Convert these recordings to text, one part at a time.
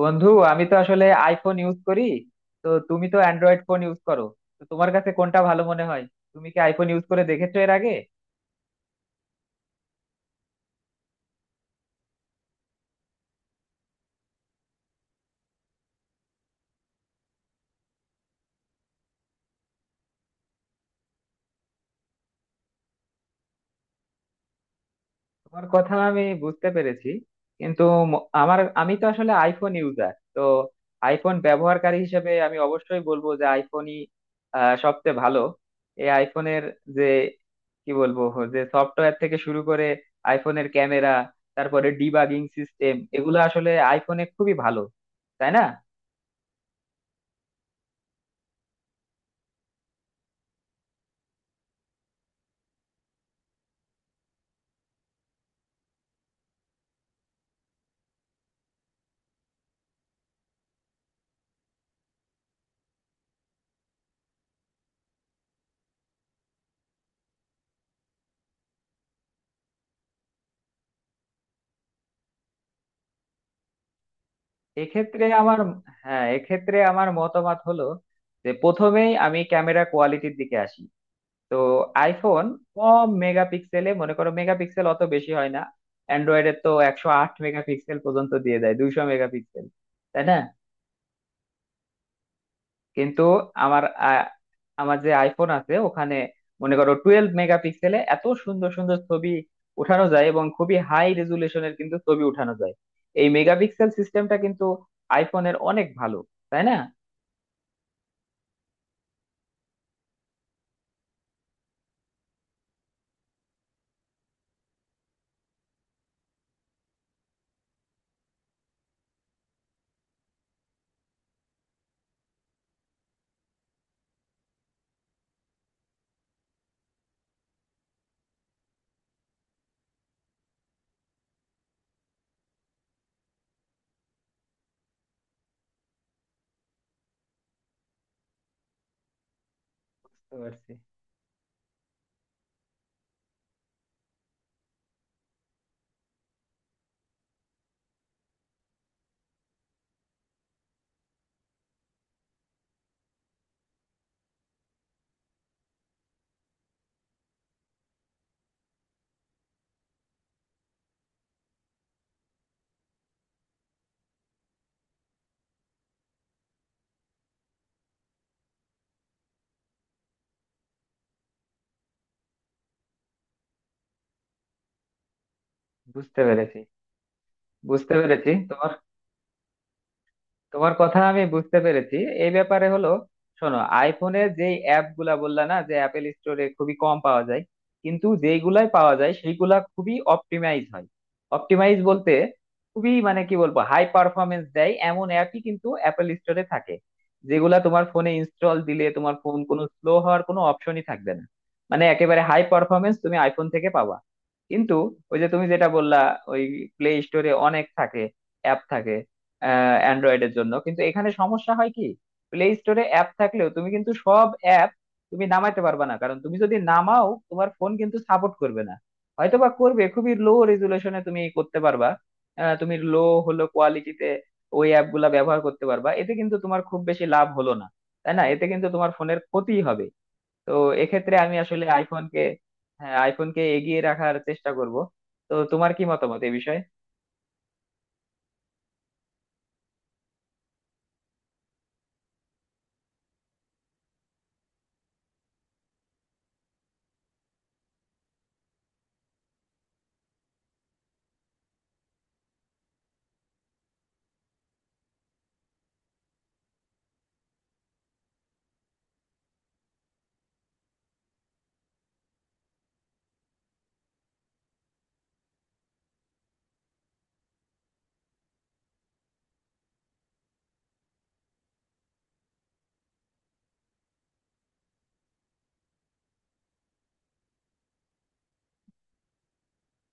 বন্ধু, আমি তো আসলে আইফোন ইউজ করি। তো তুমি তো অ্যান্ড্রয়েড ফোন ইউজ করো। তো তোমার কাছে কোনটা ভালো মনে হয়? তুমি কি আইফোন ইউজ করে দেখেছো এর আগে? তোমার কথা আমি বুঝতে পেরেছি, কিন্তু ম- আমার আমি তো আসলে আইফোন ইউজার তো। আইফোন ব্যবহারকারী হিসেবে আমি অবশ্যই বলবো যে আইফোনই সবচেয়ে ভালো। এই আইফোনের যে কি বলবো, যে সফটওয়্যার থেকে শুরু করে আইফোনের ক্যামেরা, তারপরে ডিবাগিং সিস্টেম, এগুলো আসলে আইফোনে খুবই ভালো, তাই না? এক্ষেত্রে আমার, হ্যাঁ এক্ষেত্রে আমার মতামত হলো, যে প্রথমেই আমি ক্যামেরা কোয়ালিটির দিকে আসি। তো আইফোন কম মেগাপিক্সেলে, মনে করো মেগাপিক্সেল অত বেশি হয় না। অ্যান্ড্রয়েডের তো 108 মেগাপিক্সেল পর্যন্ত দিয়ে দেয়, 200 মেগাপিক্সেল, তাই না? কিন্তু আমার, আ- আমার যে আইফোন আছে ওখানে মনে করো 12 মেগাপিক্সেলে এত সুন্দর সুন্দর ছবি উঠানো যায়, এবং খুবই হাই রেজুলেশনের কিন্তু ছবি উঠানো যায়। এই মেগাপিক্সেল সিস্টেমটা কিন্তু আইফোনের অনেক ভালো, তাই না? বুঝতে পারছি বুঝতে পেরেছি বুঝতে পেরেছি তোমার, তোমার কথা আমি বুঝতে পেরেছি। এই ব্যাপারে হলো, শোনো আইফোনে যে অ্যাপ গুলা বললা না, যে অ্যাপেল স্টোরে খুবই কম পাওয়া যায়, কিন্তু যেইগুলাই পাওয়া যায় সেইগুলা খুবই অপটিমাইজ হয়। অপটিমাইজ বলতে খুবই মানে কি বলবো, হাই পারফরমেন্স দেয় এমন অ্যাপই কিন্তু অ্যাপেল স্টোরে থাকে, যেগুলা তোমার ফোনে ইনস্টল দিলে তোমার ফোন কোনো স্লো হওয়ার কোনো অপশনই থাকবে না। মানে একেবারে হাই পারফরমেন্স তুমি আইফোন থেকে পাবা। কিন্তু ওই যে তুমি যেটা বললা, ওই প্লে স্টোরে অনেক থাকে, অ্যাপ থাকে অ্যান্ড্রয়েডের জন্য, কিন্তু এখানে সমস্যা হয় কি, প্লে স্টোরে অ্যাপ থাকলেও তুমি কিন্তু সব অ্যাপ তুমি নামাইতে পারবে না, কারণ তুমি যদি নামাও তোমার ফোন কিন্তু সাপোর্ট করবে না। হয়তো বা করবে খুবই লো রেজুলেশনে, তুমি করতে পারবা তুমি লো হলো কোয়ালিটিতে ওই অ্যাপ গুলা ব্যবহার করতে পারবা, এতে কিন্তু তোমার খুব বেশি লাভ হলো না, তাই না? এতে কিন্তু তোমার ফোনের ক্ষতি হবে। তো এক্ষেত্রে আমি আসলে আইফোনকে, হ্যাঁ আইফোনকে এগিয়ে রাখার চেষ্টা করব। তো তোমার কি মতামত এই বিষয়ে?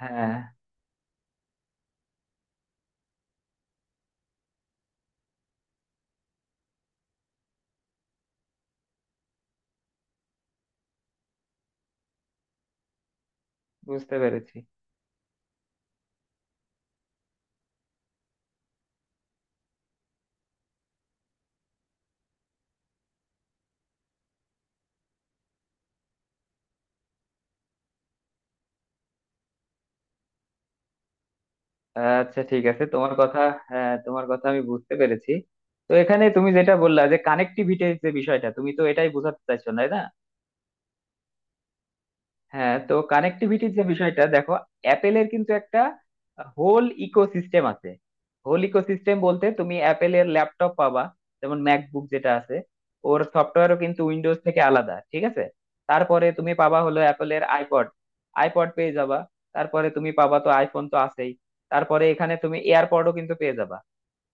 হ্যাঁ, বুঝতে পেরেছি। আচ্ছা ঠিক আছে, তোমার কথা, হ্যাঁ তোমার কথা আমি বুঝতে পেরেছি। তো এখানে তুমি যেটা বললা যে কানেক্টিভিটির যে বিষয়টা, তুমি তো এটাই বোঝাতে চাইছো, তাই না? হ্যাঁ, তো কানেক্টিভিটির যে বিষয়টা, দেখো অ্যাপেলের কিন্তু একটা হোল ইকোসিস্টেম আছে। হোল ইকোসিস্টেম বলতে তুমি অ্যাপেলের ল্যাপটপ পাবা, যেমন ম্যাকবুক যেটা আছে, ওর সফটওয়্যারও কিন্তু উইন্ডোজ থেকে আলাদা, ঠিক আছে। তারপরে তুমি পাবা হলো অ্যাপেলের আইপড, আইপড পেয়ে যাবা। তারপরে তুমি পাবা, তো আইফোন তো আছেই। তারপরে এখানে তুমি এয়ারপডও কিন্তু পেয়ে যাবা,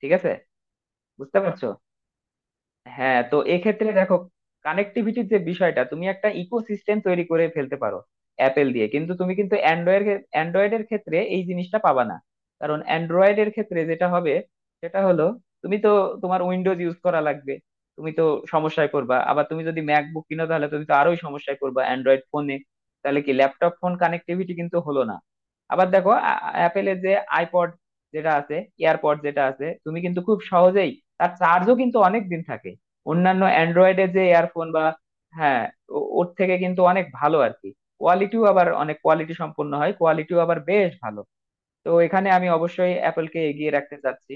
ঠিক আছে? বুঝতে পারছো? হ্যাঁ, তো এক্ষেত্রে দেখো কানেক্টিভিটির যে বিষয়টা, তুমি একটা ইকোসিস্টেম তৈরি করে ফেলতে পারো অ্যাপেল দিয়ে, কিন্তু তুমি কিন্তু অ্যান্ড্রয়েড, অ্যান্ড্রয়েডের ক্ষেত্রে এই জিনিসটা পাবা না। কারণ অ্যান্ড্রয়েডের ক্ষেত্রে যেটা হবে, সেটা হলো তুমি তো তোমার উইন্ডোজ ইউজ করা লাগবে, তুমি তো সমস্যায় করবা। আবার তুমি যদি ম্যাকবুক কিনো, তাহলে তুমি তো আরোই সমস্যায় করবা অ্যান্ড্রয়েড ফোনে। তাহলে কি ল্যাপটপ ফোন কানেক্টিভিটি কিন্তু হলো না। আবার দেখো অ্যাপেলের যে আইপড যেটা আছে, এয়ারপড যেটা আছে, তুমি কিন্তু খুব সহজেই, তার চার্জও কিন্তু অনেক দিন থাকে। অন্যান্য অ্যান্ড্রয়েডের যে ইয়ারফোন বা, হ্যাঁ ওর থেকে কিন্তু অনেক ভালো আর কি। কোয়ালিটিও আবার অনেক কোয়ালিটি সম্পন্ন হয়, কোয়ালিটিও আবার বেশ ভালো। তো এখানে আমি অবশ্যই অ্যাপলকে এগিয়ে রাখতে চাচ্ছি।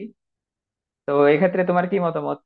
তো এক্ষেত্রে তোমার কি মতামত?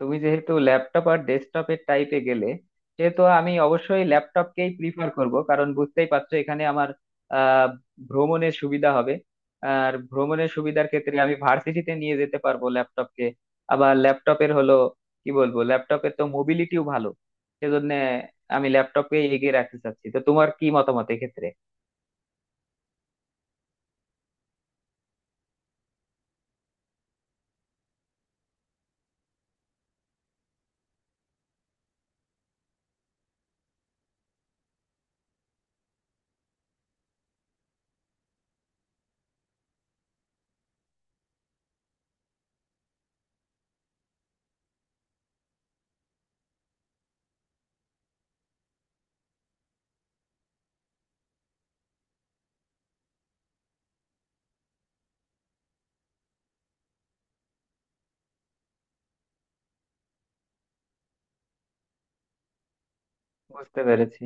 তুমি যেহেতু ল্যাপটপ আর ডেস্কটপের টাইপে গেলে, সেহেতু আমি অবশ্যই ল্যাপটপকেই প্রিফার করব, কারণ বুঝতেই পারছো এখানে আমার আহ ভ্রমণের সুবিধা হবে। আর ভ্রমণের সুবিধার ক্ষেত্রে আমি ভার্সিটিতে নিয়ে যেতে পারবো ল্যাপটপকে। আবার ল্যাপটপের হলো, কি বলবো, ল্যাপটপের তো মোবিলিটিও ভালো, সেজন্য আমি ল্যাপটপকেই এগিয়ে রাখতে চাচ্ছি। তো তোমার কি মতামত এক্ষেত্রে? বুঝতে পেরেছি,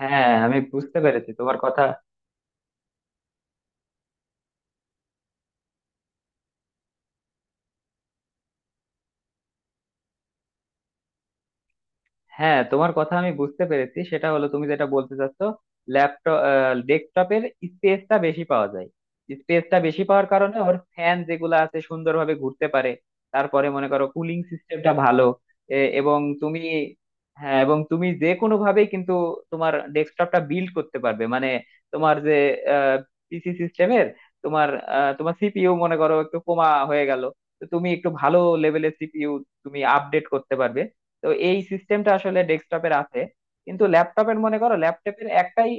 হ্যাঁ আমি বুঝতে পেরেছি তোমার কথা, হ্যাঁ তোমার কথা আমি বুঝতে পেরেছি। সেটা হলো তুমি যেটা বলতে চাচ্ছ, ল্যাপটপ, ডেস্কটপের স্পেসটা বেশি পাওয়া যায়, স্পেসটা বেশি পাওয়ার কারণে ওর ফ্যান যেগুলো আছে সুন্দরভাবে ঘুরতে পারে। তারপরে মনে করো কুলিং সিস্টেমটা ভালো। এবং তুমি, হ্যাঁ এবং তুমি যে কোনো ভাবেই কিন্তু তোমার ডেস্কটপটা বিল্ড করতে পারবে মানে, তোমার যে পিসি সিস্টেমের তোমার তোমার সিপিইউ মনে করো একটু কমা হয়ে গেল, তো তুমি একটু ভালো লেভেলের সিপিইউ তুমি আপডেট করতে পারবে। তো এই সিস্টেমটা আসলে ডেস্কটপের আছে, কিন্তু ল্যাপটপের, মনে করো ল্যাপটপের একটাই,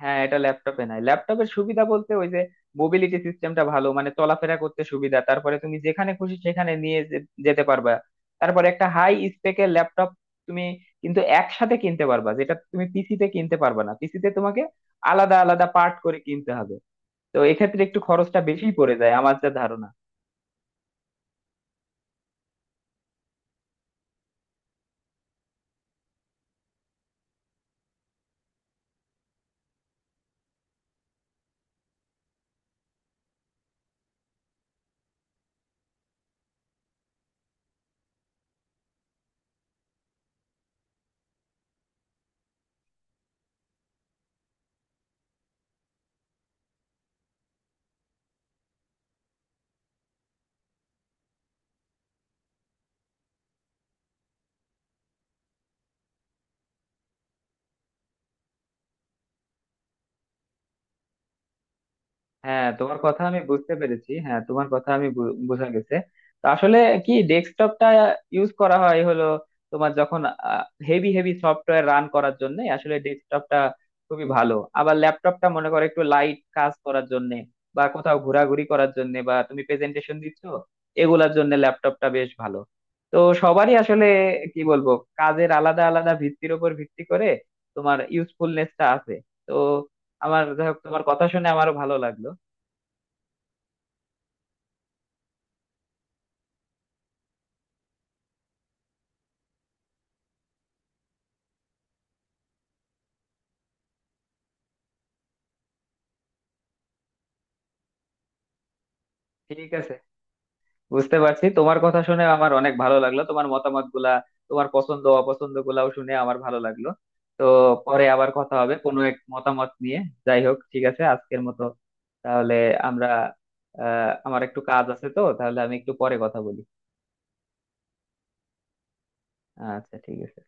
হ্যাঁ এটা ল্যাপটপে নাই। ল্যাপটপের সুবিধা বলতে ওই যে মোবিলিটি সিস্টেমটা ভালো, মানে চলাফেরা করতে সুবিধা, তারপরে তুমি যেখানে খুশি সেখানে নিয়ে যেতে পারবা। তারপরে একটা হাই স্পেকের ল্যাপটপ তুমি কিন্তু একসাথে কিনতে পারবা, যেটা তুমি পিসিতে কিনতে পারবা না, পিসিতে তোমাকে আলাদা আলাদা পার্ট করে কিনতে হবে। তো এক্ষেত্রে একটু খরচটা বেশি পড়ে যায় আমার যা ধারণা। হ্যাঁ তোমার কথা আমি বুঝতে পেরেছি, হ্যাঁ তোমার কথা আমি বোঝা গেছে। তো আসলে কি, ডেস্কটপটা ইউজ করা হয় হলো তোমার যখন হেভি হেভি সফটওয়্যার রান করার জন্য, আসলে ডেস্কটপটা খুবই ভালো। আবার ল্যাপটপটা মনে করো একটু লাইট কাজ করার জন্য, বা কোথাও ঘোরাঘুরি করার জন্য, বা তুমি প্রেজেন্টেশন দিচ্ছ, এগুলার জন্য ল্যাপটপটা বেশ ভালো। তো সবারই আসলে, কি বলবো, কাজের আলাদা আলাদা ভিত্তির উপর ভিত্তি করে তোমার ইউজফুলনেসটা আছে। তো আমার যাই হোক, তোমার কথা শুনে আমারও ভালো লাগলো। ঠিক আছে, বুঝতে পারছি। তোমার কথা শুনে আমার অনেক ভালো লাগলো, তোমার মতামত গুলা, তোমার পছন্দ অপছন্দ গুলাও শুনে আমার ভালো লাগলো। তো পরে আবার কথা হবে কোনো এক মতামত নিয়ে। যাই হোক, ঠিক আছে আজকের মতো। তাহলে আমরা, আমার একটু কাজ আছে, তো তাহলে আমি একটু পরে কথা বলি। আচ্ছা, ঠিক আছে।